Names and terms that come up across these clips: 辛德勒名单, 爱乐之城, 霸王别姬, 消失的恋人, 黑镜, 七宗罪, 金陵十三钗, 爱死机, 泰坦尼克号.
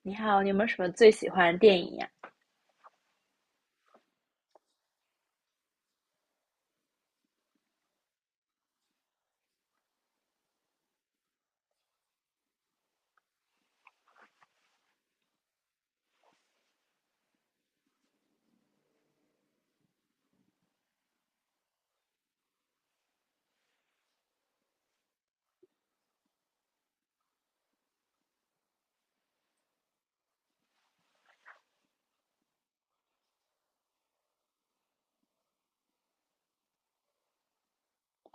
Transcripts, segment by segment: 你好，你有没有什么最喜欢的电影呀？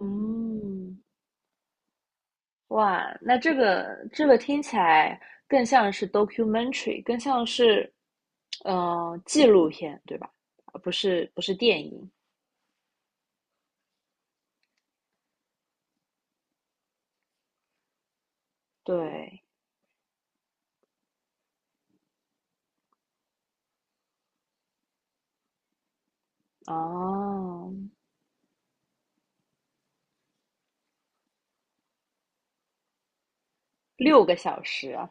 嗯，哇，那这个听起来更像是 documentary，更像是纪录片，对吧？而不是电影。对，哦，6个小时啊。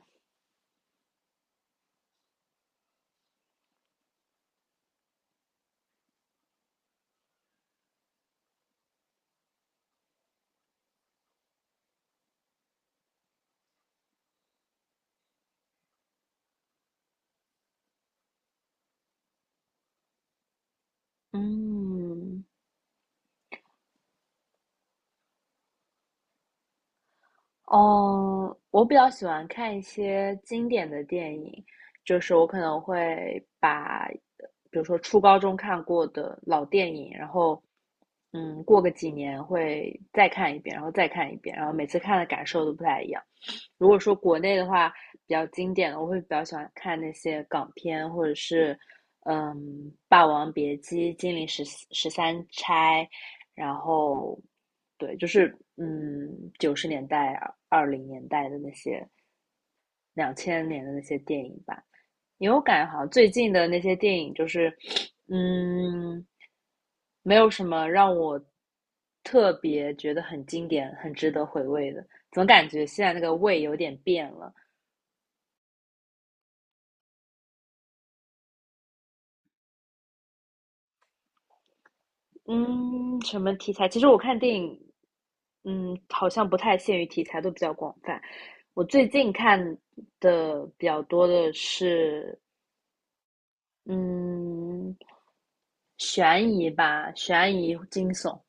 嗯，哦，我比较喜欢看一些经典的电影，就是我可能会把，比如说初高中看过的老电影，然后，过个几年会再看一遍，然后再看一遍，然后每次看的感受都不太一样。如果说国内的话，比较经典的，我会比较喜欢看那些港片，或者是，嗯，《霸王别姬》《金陵十三钗》，然后，对，就是90年代、20年代的那些、2000年的那些电影吧。因为我感觉好像最近的那些电影，就是嗯，没有什么让我特别觉得很经典、很值得回味的。总感觉现在那个味有点变了。嗯，什么题材？其实我看电影，好像不太限于题材，都比较广泛。我最近看的比较多的是，嗯，悬疑吧，悬疑惊悚。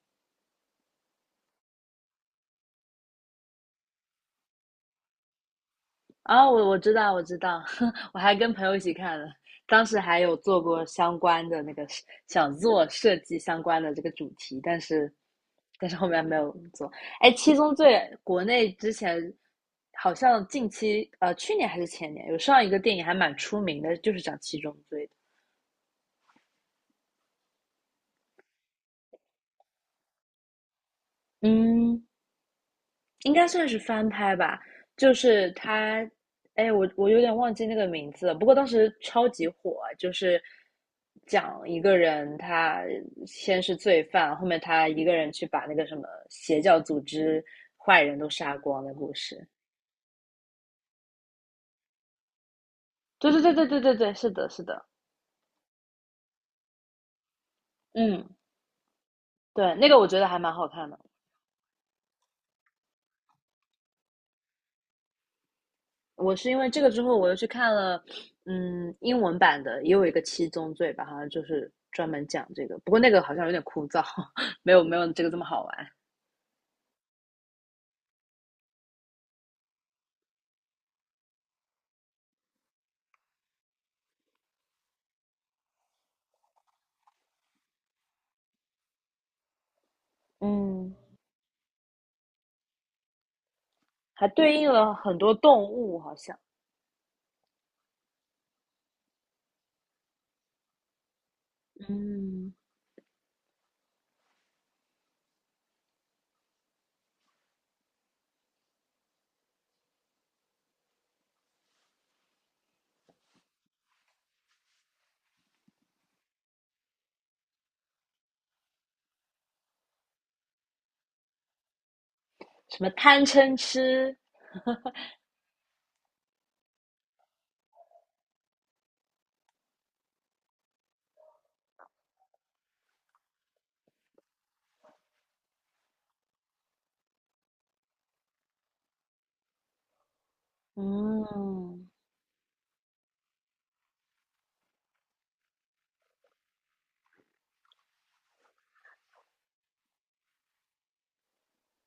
啊，我知道，我知道，我还跟朋友一起看了，当时还有做过相关的那个想做设计相关的这个主题，但是后面没有做。哎，《七宗罪》国内之前好像近期去年还是前年有上一个电影还蛮出名的，就是讲七宗罪的。嗯，应该算是翻拍吧，就是他，哎，我有点忘记那个名字了，不过当时超级火，就是讲一个人他先是罪犯，后面他一个人去把那个什么邪教组织坏人都杀光的故事。对对对对对对对，是的，是的，嗯，对，那个我觉得还蛮好看的。我是因为这个之后，我又去看了，英文版的，也有一个七宗罪吧，好像就是专门讲这个，不过那个好像有点枯燥，没有没有这个这么好玩。嗯，还对应了很多动物，好像嗯什么贪嗔痴，嗯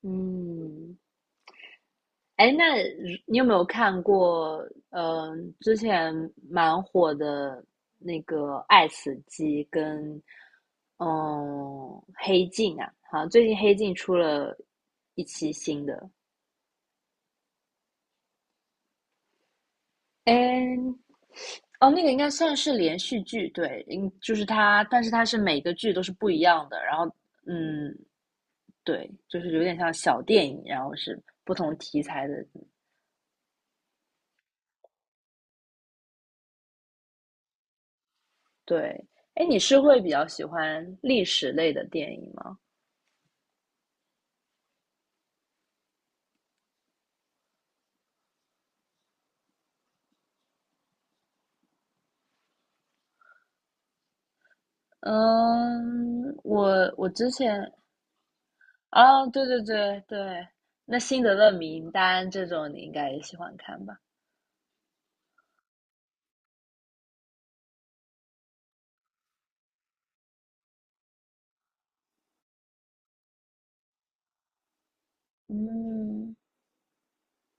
嗯，哎，那你有没有看过？之前蛮火的那个《爱死机》跟嗯《黑镜》啊，好像最近《黑镜》出了一期新的。哎，哦，那个应该算是连续剧，对，应就是它，但是它是每个剧都是不一样的。然后，嗯，对，就是有点像小电影，然后是不同题材的。对，哎，你是会比较喜欢历史类的电影吗？嗯，我之前啊，对对对对，那辛德勒名单这种你应该也喜欢看吧？嗯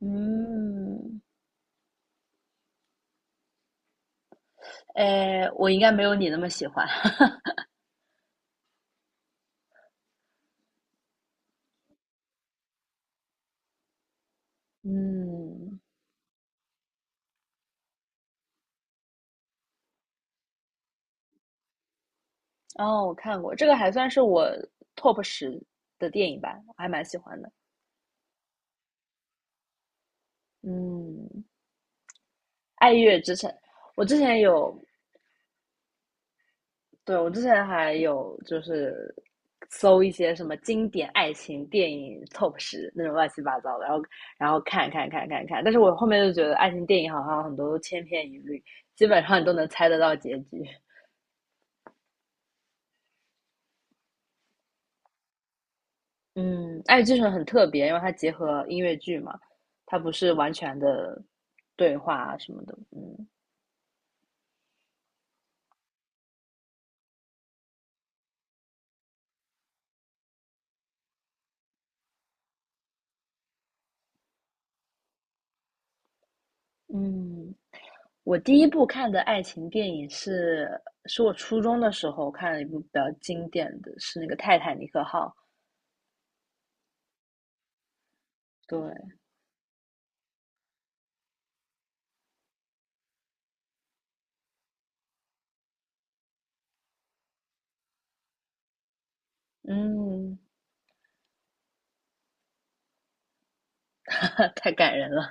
嗯，哎，我应该没有你那么喜欢。嗯，哦，我看过，这个还算是我 top 十的电影吧，我还蛮喜欢的。嗯，《爱乐之城》，我之前有对，我之前还有就是搜一些什么经典爱情电影 Top 十那种乱七八糟的，然后看看看看看，但是我后面就觉得爱情电影好像很多都千篇一律，基本上你都能猜得到结局。嗯，《爱与制很特别，因为它结合音乐剧嘛，它不是完全的对话啊什么的。嗯嗯，我第一部看的爱情电影是我初中的时候看了一部比较经典的是那个《泰坦尼克号》。对，嗯，太感人了。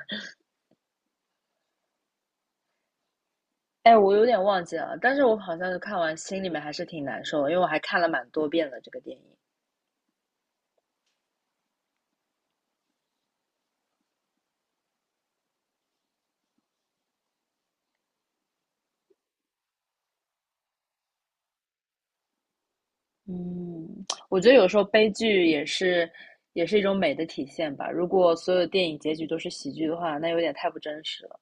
哎，我有点忘记了，但是我好像是看完心里面还是挺难受的，因为我还看了蛮多遍了这个电影。嗯，我觉得有时候悲剧也是一种美的体现吧。如果所有电影结局都是喜剧的话，那有点太不真实了。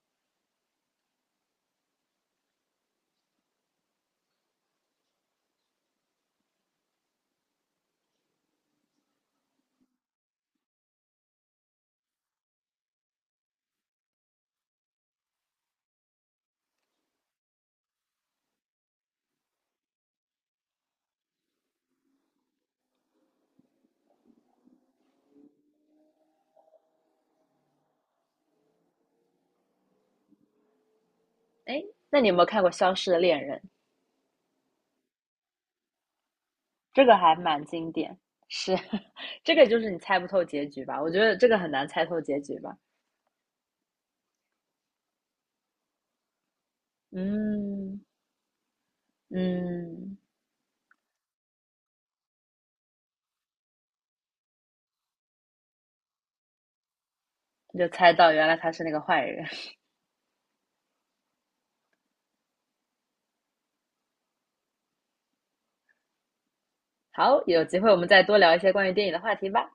哎，那你有没有看过《消失的恋人》？这个还蛮经典，是，这个就是你猜不透结局吧？我觉得这个很难猜透结局吧。嗯嗯，你就猜到原来他是那个坏人。好，有机会我们再多聊一些关于电影的话题吧。